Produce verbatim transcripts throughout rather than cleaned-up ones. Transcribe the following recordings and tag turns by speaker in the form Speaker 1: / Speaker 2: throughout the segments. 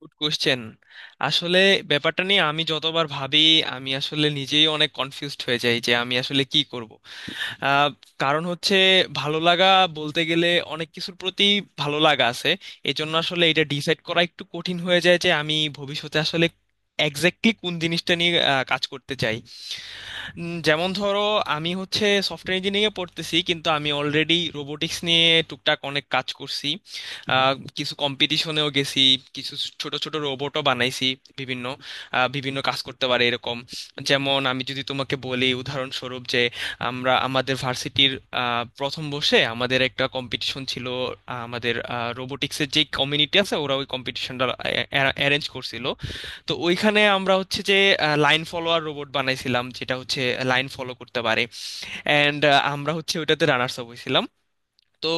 Speaker 1: Good question. আসলে ব্যাপারটা নিয়ে আমি যতবার ভাবি, আমি আসলে নিজেই অনেক কনফিউজড হয়ে যাই যে আমি আসলে কি করব। আহ, কারণ হচ্ছে ভালো লাগা, বলতে গেলে অনেক কিছুর প্রতি ভালো লাগা আছে। এই জন্য আসলে এটা ডিসাইড করা একটু কঠিন হয়ে যায় যে আমি ভবিষ্যতে আসলে এক্স্যাক্টলি কোন জিনিসটা নিয়ে আহ, কাজ করতে চাই। উম, যেমন ধরো, আমি হচ্ছে সফটওয়্যার ইঞ্জিনিয়ারিং এ পড়তেছি, কিন্তু আমি অলরেডি রোবোটিক্স নিয়ে টুকটাক অনেক কাজ করছি। আহ, কিছু কম্পিটিশনেও গেছি, কিছু ছোট ছোট রোবটও বানাইছি, বিভিন্ন আহ, বিভিন্ন কাজ করতে পারে এরকম। যেমন আমি যদি তোমাকে বলি উদাহরণস্বরূপ যে আমরা আমাদের ভার্সিটির প্রথম বর্ষে আমাদের একটা কম্পিটিশন ছিল। আহ, আমাদের রোবোটিক্সের যে কমিউনিটি আছে, ওরা ওই কম্পিটিশনটা অ্যারেঞ্জ করছিল। তো ওইখানে আমরা হচ্ছে যে লাইন ফলোয়ার রোবট বানাইছিলাম, যেটা হচ্ছে লাইন ফলো করতে পারে। অ্যান্ড আমরা হচ্ছে ওইটাতে রানার্স আপ হয়েছিলাম। তো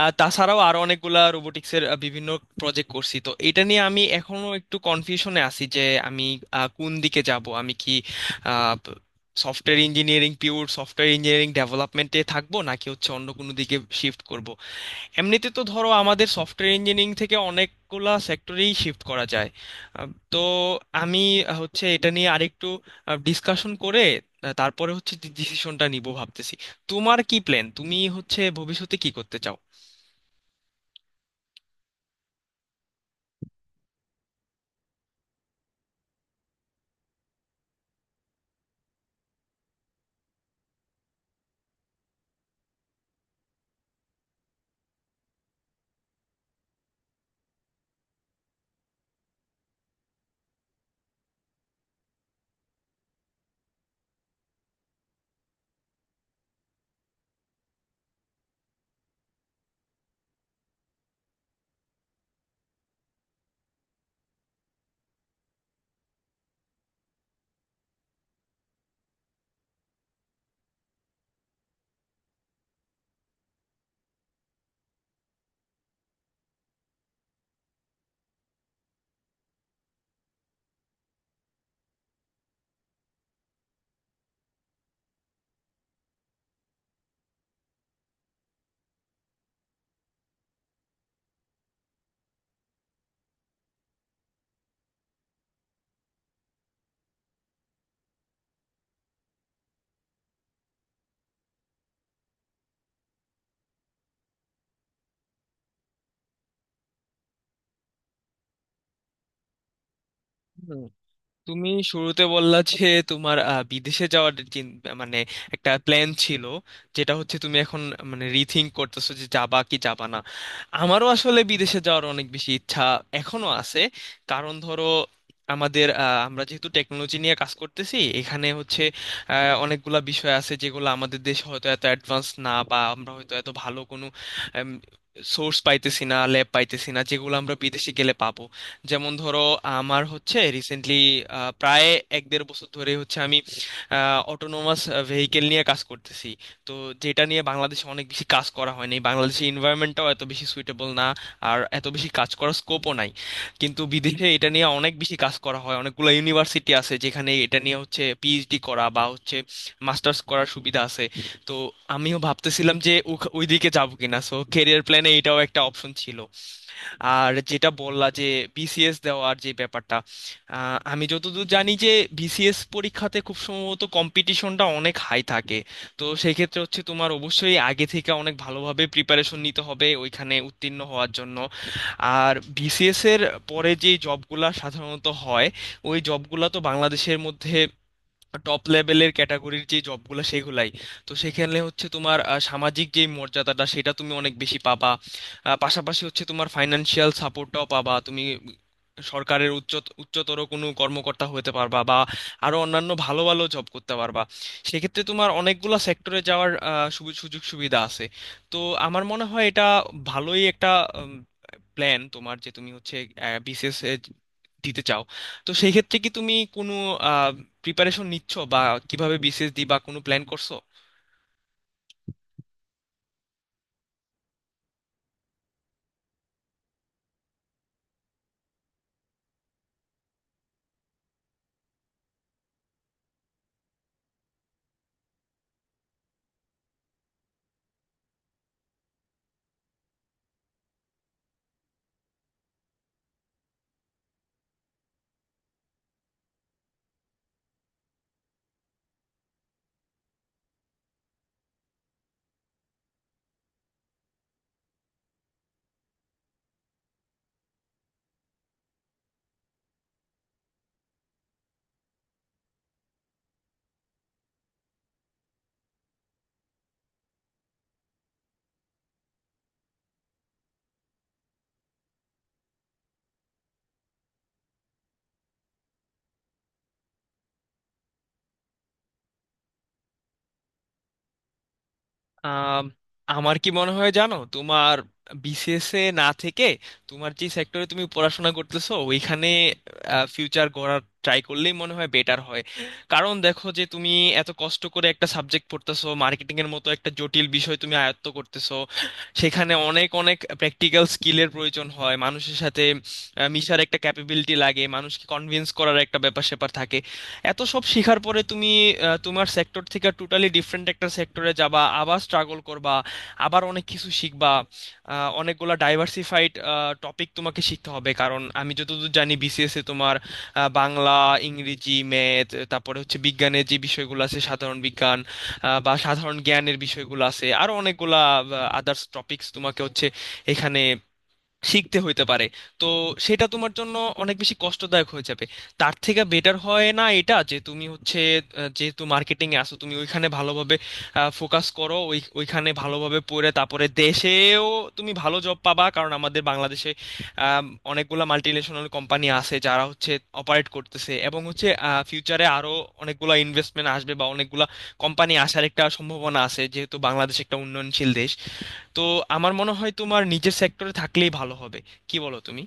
Speaker 1: আহ, তাছাড়াও আরো অনেকগুলা রোবোটিক্সের বিভিন্ন প্রজেক্ট করছি। তো এটা নিয়ে আমি এখনো একটু কনফিউশনে আছি যে আমি আহ, কোন দিকে যাব, আমি কি software engineering, pure software engineering ডেভেলপমেন্টে থাকবো, নাকি হচ্ছে অন্য কোনো দিকে শিফট করব। এমনিতে তো ধরো আমাদের সফটওয়্যার ইঞ্জিনিয়ারিং থেকে অনেকগুলা সেক্টরেই শিফট করা যায়। আহ, তো আমি আহ, হচ্ছে এটা নিয়ে আরেকটু ডিসকাশন করে আহ, তারপরে হচ্ছে ডিসিশনটা নিব ভাবতেছি। তোমার কি প্ল্যান, তুমি হচ্ছে ভবিষ্যতে কি করতে চাও? তুমি শুরুতে বললা যে তোমার আহ, বিদেশে যাওয়ার চিন- মানে একটা প্ল্যান ছিল, যেটা হচ্ছে তুমি এখন মানে রিথিঙ্ক করতেছো যে যাবা কি যাবা না। আমারও আসলে বিদেশে যাওয়ার অনেক বেশি ইচ্ছা এখনো আছে। কারণ ধরো, আমাদের আহ, আমরা যেহেতু টেকনোলজি নিয়ে কাজ করতেছি, এখানে হচ্ছে আহ, অনেকগুলা বিষয় আছে যেগুলো আমাদের দেশে হয়তো এত অ্যাডভান্স না, বা আমরা হয়তো এত ভালো কোনো সোর্স পাইতেছি না, ল্যাব পাইতেছি না, যেগুলো আমরা বিদেশে গেলে পাবো। যেমন ধরো, আমার হচ্ছে রিসেন্টলি প্রায় এক দেড় বছর ধরে হচ্ছে আমি অটোনোমাস ভেহিকেল নিয়ে কাজ করতেছি, তো যেটা নিয়ে বাংলাদেশে অনেক বেশি কাজ করা হয়নি, বাংলাদেশের এনভায়রনমেন্টটাও এত বেশি সুইটেবল না, আর এত বেশি কাজ করার স্কোপও নাই। কিন্তু বিদেশে এটা নিয়ে অনেক বেশি কাজ করা হয়, অনেকগুলো ইউনিভার্সিটি আছে যেখানে এটা নিয়ে হচ্ছে পিএইচডি করা বা হচ্ছে মাস্টার্স করার সুবিধা আছে। তো আমিও ভাবতেছিলাম যে ওখ- ওইদিকে যাবো কিনা, সো ক্যারিয়ার প্ল্যানে এটাও একটা অপশন ছিল। আর যেটা বললা যে বিসিএস দেওয়ার যে ব্যাপারটা, আহ, আমি যতদূর জানি যে বিসিএস পরীক্ষাতে খুব সম্ভবত কম্পিটিশনটা অনেক হাই থাকে। তো সেক্ষেত্রে হচ্ছে তোমার অবশ্যই আগে থেকে অনেক ভালোভাবে প্রিপারেশন নিতে হবে ওইখানে উত্তীর্ণ হওয়ার জন্য। আর বিসিএস এর পরে যে জবগুলা সাধারণত হয়, ওই জবগুলা তো বাংলাদেশের মধ্যে টপ লেভেলের ক্যাটাগরির যে জবগুলো সেগুলাই। তো সেখানে হচ্ছে তোমার আহ, সামাজিক যে মর্যাদাটা সেটা তুমি অনেক বেশি পাবা, আহ, পাশাপাশি হচ্ছে তোমার ফাইনান্সিয়াল সাপোর্টটাও পাবা তুমি। সরকারের উচ্চ উচ্চতর কোনো কর্মকর্তা হতে পারবা, বা আরো অন্যান্য ভালো ভালো জব করতে পারবা। সেক্ষেত্রে তোমার অনেকগুলো সেক্টরে যাওয়ার আহ, সুবি- সুযোগ সুবিধা আছে। তো আমার মনে হয় এটা ভালোই একটা প্ল্যান তোমার, যে তুমি হচ্ছে বিসিএস দিতে চাও। তো সেই ক্ষেত্রে কি তুমি কোনো প্রিপারেশন নিচ্ছ, বা কিভাবে বিসিএস দিবা কোনো প্ল্যান করছো? আম, আমার কি মনে হয় জানো, তোমার বিসিএস এ না থেকে তোমার যে সেক্টরে তুমি পড়াশোনা করতেছো ওইখানে ফিউচার গড়ার ট্রাই করলেই মনে হয় বেটার হয়। কারণ দেখো যে তুমি এত কষ্ট করে একটা সাবজেক্ট পড়তেছো, মার্কেটিং এর মতো একটা জটিল বিষয় তুমি আয়ত্ত করতেছো, সেখানে অনেক অনেক প্র্যাকটিক্যাল স্কিলের প্রয়োজন হয়। মানুষের সাথে আহ, মিশার একটা ক্যাপাবিলিটি লাগে, মানুষকে কনভিন্স করার একটা ব্যাপার স্যাপার থাকে। এত সব শিখার পরে তুমি আহ, তোমার সেক্টর থেকে টোটালি ডিফারেন্ট একটা সেক্টরে যাবা, আবার স্ট্রাগল করবা, আবার অনেক কিছু শিখবা। আহ, অনেকগুলা ডাইভার্সিফাইড টপিক তোমাকে শিখতে হবে, কারণ আমি যতদূর জানি বিসিএস এ তোমার আহ, বাংলা, ইংরেজি, ম্যাথ, তারপরে হচ্ছে বিজ্ঞানের যে বিষয়গুলো আছে সাধারণ বিজ্ঞান, আহ, বা সাধারণ জ্ঞানের বিষয়গুলো আছে, আরো অনেকগুলা আদার্স টপিকস তোমাকে হচ্ছে এখানে শিখতে হইতে পারে। তো সেটা তোমার জন্য অনেক বেশি কষ্টদায়ক হয়ে যাবে। তার থেকে বেটার হয় না এটা যে তুমি হচ্ছে আহ, যেহেতু মার্কেটিং এ আসো তুমি ওইখানে ভালোভাবে ফোকাস করো, ওই ওইখানে ভালোভাবে পড়ে তারপরে দেশেও তুমি ভালো জব পাবা। কারণ আমাদের বাংলাদেশে আম, অনেকগুলা মাল্টিন্যাশনাল কোম্পানি আছে যারা হচ্ছে অপারেট করতেছে, এবং হচ্ছে ফিউচারে আরো অনেকগুলা ইনভেস্টমেন্ট আসবে বা অনেকগুলা কোম্পানি আসার একটা সম্ভাবনা আছে, যেহেতু বাংলাদেশ একটা উন্নয়নশীল দেশ। তো আমার মনে হয় তোমার নিজের সেক্টরে থাকলেই ভালো হবে। কি বলো তুমি?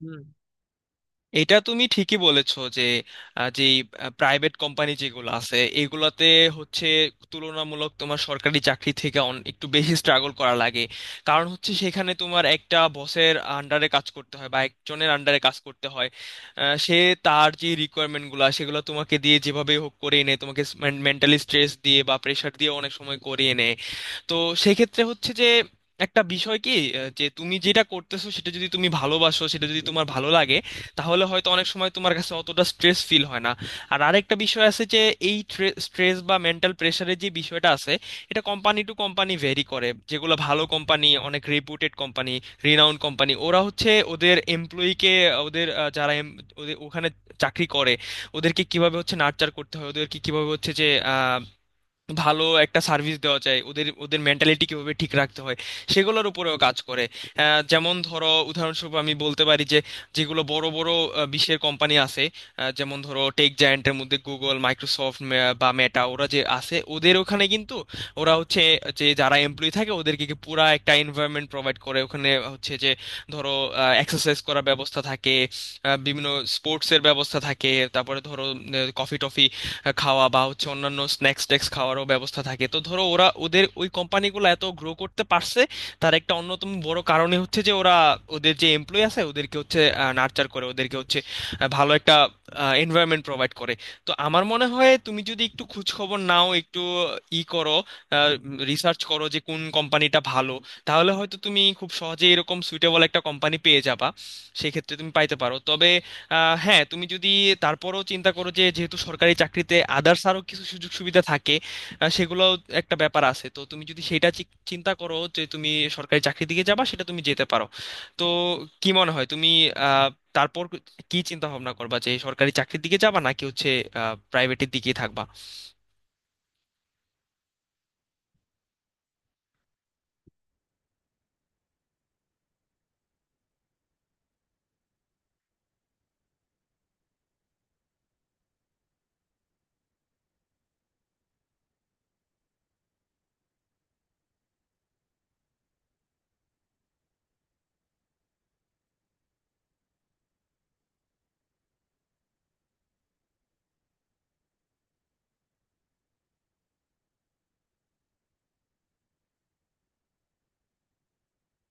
Speaker 1: হুম। এটা তুমি ঠিকই বলেছো যে আহ, যে প্রাইভেট কোম্পানি যেগুলো আছে এগুলাতে হচ্ছে তুলনামূলক তোমার সরকারি চাকরি থেকে অন একটু বেশি স্ট্রাগল করা লাগে। কারণ হচ্ছে সেখানে তোমার একটা বসের আন্ডারে কাজ করতে হয়, বা একজনের আন্ডারে কাজ করতে হয়। আহ, সে, তার যে রিকোয়ারমেন্টগুলো সেগুলো তোমাকে দিয়ে যেভাবে হোক করিয়ে নেয়, তোমাকে মেন্টালি স্ট্রেস দিয়ে বা প্রেশার দিয়ে অনেক সময় করিয়ে নেয়। তো সেক্ষেত্রে হচ্ছে যে একটা বিষয় কি, আহ, যে তুমি যেটা করতেছো সেটা যদি তুমি ভালোবাসো, সেটা যদি তোমার ভালো লাগে, তাহলে হয়তো অনেক সময় তোমার কাছে অতটা স্ট্রেস ফিল হয় না। আর আরেকটা বিষয় আছে যে এই স্ট্রেস বা মেন্টাল প্রেশারের যে বিষয়টা আছে, এটা কোম্পানি টু কোম্পানি ভেরি করে। যেগুলো ভালো কোম্পানি, অনেক রেপুটেড কোম্পানি, রিনাউন্ড কোম্পানি, ওরা হচ্ছে ওদের এমপ্লয়িকে, ওদের আহ, যারা em- ওদের ওখানে চাকরি করে, ওদেরকে কিভাবে হচ্ছে নার্চার করতে হয়, ওদেরকে কিভাবে হচ্ছে যে ভালো একটা সার্ভিস দেওয়া যায়, ওদের ওদের মেন্টালিটি কিভাবে ঠিক রাখতে হয়, সেগুলোর উপরেও কাজ করে। আহ, যেমন ধরো উদাহরণস্বরূপ আমি বলতে পারি যে যেগুলো বড় বড় আহ, বিশ্বের কোম্পানি আছে, আহ, যেমন ধরো টেক জায়ান্টের মধ্যে গুগল, মাইক্রোসফট বা মেটা, ওরা যে আছে ওদের ওখানে কিন্তু ওরা হচ্ছে যে যারা এমপ্লয়ি থাকে ওদেরকে কি পুরা একটা এনভায়রনমেন্ট প্রোভাইড করে। ওখানে হচ্ছে যে ধরো এক্সারসাইজ করার ব্যবস্থা থাকে, আহ, বিভিন্ন স্পোর্টসের ব্যবস্থা থাকে, তারপরে ধরো কফি টফি খাওয়া বা হচ্ছে অন্যান্য স্ন্যাক্স ট্যাক্স খাওয়ারও ব্যবস্থা থাকে। তো ধরো ওরা, ওদের ওই কোম্পানিগুলো এত গ্রো করতে পারছে, তার একটা অন্যতম বড় কারণে হচ্ছে যে ওরা ওদের যে এমপ্লয়ি আছে ওদেরকে হচ্ছে নার্চার করে, ওদেরকে হচ্ছে আহ, ভালো একটা এনভায়রনমেন্ট প্রোভাইড করে। তো আমার মনে হয় তুমি যদি একটু খোঁজ খবর নাও, একটু ই করো, রিসার্চ করো যে কোন কোম্পানিটা ভালো, তাহলে হয়তো তুমি খুব সহজে এরকম সুইটেবল একটা কোম্পানি পেয়ে যাবা। সেক্ষেত্রে তুমি পাইতে পারো। তবে আহ, হ্যাঁ, তুমি যদি তারপরও চিন্তা করো যে যেহেতু সরকারি চাকরিতে আদার্স আরও কিছু সুযোগ সুবিধা থাকে, আহ, সেগুলোও একটা ব্যাপার আছে, তো তুমি যদি সেটা চি- চিন্তা করো যে তুমি সরকারি চাকরির দিকে যাবা, সেটা তুমি যেতে পারো। তো কি মনে হয় তুমি, আহ, তারপর কি চিন্তা ভাবনা করবা, যে সরকারি চাকরির দিকে যাবা নাকি হচ্ছে আহ, প্রাইভেটের দিকেই থাকবা?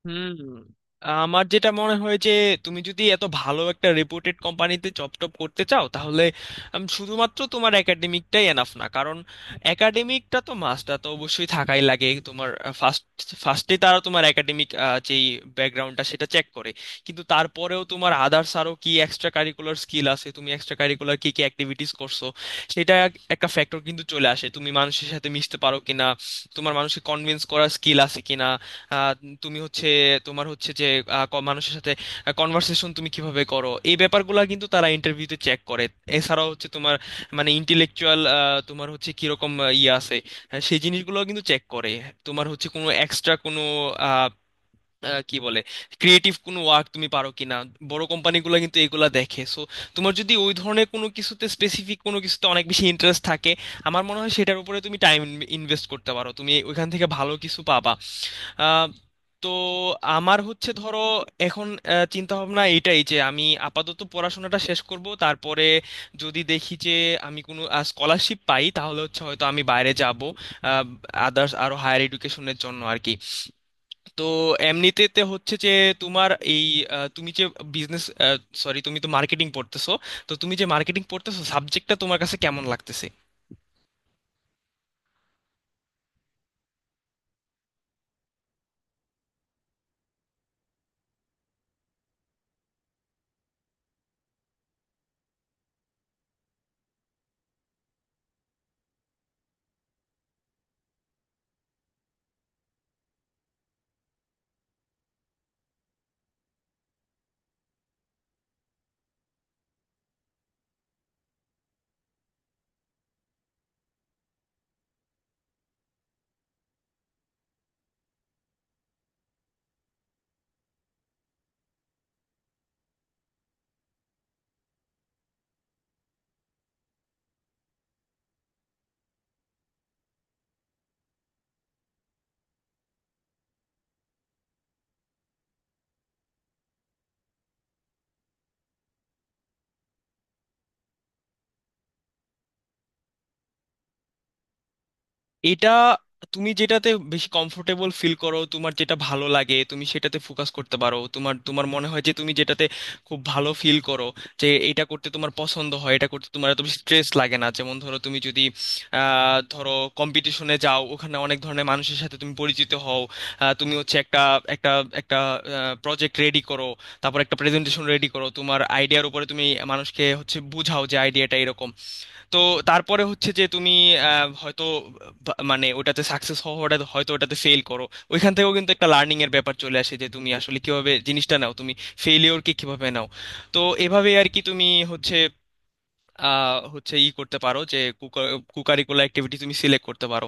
Speaker 1: হুম। আমার যেটা মনে হয় যে তুমি যদি এত ভালো একটা রেপুটেড কোম্পানিতে জব টপ করতে চাও, তাহলে উম, শুধুমাত্র তোমার একাডেমিকটাই এনাফ না। কারণ একাডেমিকটা তো মাস্টটা তো অবশ্যই থাকাই লাগে তোমার। ফার্স্ট ফার্স্টে তারা তোমার একাডেমিক যেই ব্যাকগ্রাউন্ডটা সেটা চেক করে, কিন্তু তারপরেও তোমার আদার্স আরও কি এক্সট্রা কারিকুলার স্কিল আছে, তুমি এক্সট্রা কারিকুলার কি কি অ্যাক্টিভিটিস করছো, সেটা এক- একটা ফ্যাক্টর কিন্তু চলে আসে। তুমি মানুষের সাথে মিশতে পারো কিনা, তোমার মানুষকে কনভিন্স করার স্কিল আছে কিনা, আহ, তুমি হচ্ছে তোমার হচ্ছে যে আহ, ক- মানুষের সাথে কনভার্সেশন তুমি কিভাবে করো, এই ব্যাপারগুলো কিন্তু তারা ইন্টারভিউতে চেক করে। এছাড়াও হচ্ছে তোমার মানে ইন্টেলেকচুয়াল তোমার হচ্ছে কিরকম আহ, ইয়ে আছে, হ্যাঁ, সেই জিনিসগুলো কিন্তু চেক করে। তোমার হচ্ছে কোনো এক্সট্রা কোনো আহ, আহ, কি বলে ক্রিয়েটিভ কোনো ওয়ার্ক তুমি পারো কিনা, বড় কোম্পানিগুলো কিন্তু এগুলা দেখে। সো তোমার যদি ওই ধরনের কোনো কিছুতে, স্পেসিফিক কোনো কিছুতে অনেক বেশি ইন্টারেস্ট থাকে, আমার মনে হয় সেটার উপরে তুমি টাইম ইনভেস্ট করতে পারো, তুমি ওইখান থেকে ভালো কিছু পাবা। আহ, তো আমার হচ্ছে ধরো এখন আহ, চিন্তা ভাবনা এটাই যে আমি আপাতত পড়াশোনাটা শেষ করব, তারপরে যদি দেখি যে আমি কোনো স্কলারশিপ পাই, তাহলে হচ্ছে হয়তো আমি বাইরে যাব আদার্স আরো হায়ার এডুকেশনের জন্য আর কি। তো এমনিতেতে হচ্ছে যে তোমার এই আহ, তুমি যে বিজনেস সরি তুমি তো মার্কেটিং পড়তেছো, তো তুমি যে মার্কেটিং পড়তেছো সাবজেক্টটা তোমার কাছে কেমন লাগতেছে? এটা তুমি যেটাতে বেশি কমফোর্টেবল ফিল করো, তোমার যেটা ভালো লাগে তুমি সেটাতে ফোকাস করতে পারো। তোমার তোমার মনে হয় যে তুমি যেটাতে খুব ভালো ফিল করো, যে এটা করতে তোমার পছন্দ হয়, এটা করতে তোমার এত বেশি স্ট্রেস লাগে না। যেমন ধরো তুমি যদি আহ, ধরো কম্পিটিশনে যাও, ওখানে অনেক ধরনের মানুষের সাথে তুমি পরিচিত হও, আহ, তুমি হচ্ছে একটা একটা একটা প্রজেক্ট রেডি করো, তারপর একটা প্রেজেন্টেশন রেডি করো তোমার আইডিয়ার উপরে, তুমি মানুষকে হচ্ছে বোঝাও যে আইডিয়াটা এরকম। তো তারপরে হচ্ছে যে তুমি আহ, হয়তো বা- মানে ওটাতে সাকসেস হওয়াটা, হয়তো ওটাতে ফেল করো, ওইখান থেকেও কিন্তু একটা লার্নিং এর ব্যাপার চলে আসে, যে তুমি আসলে কিভাবে জিনিসটা নাও, তুমি ফেলিওরকে কিভাবে নাও। তো এভাবে আর কি তুমি হচ্ছে আহ, হচ্ছে ই করতে পারো, যে কুকারিকুলার অ্যাক্টিভিটি তুমি সিলেক্ট করতে পারো।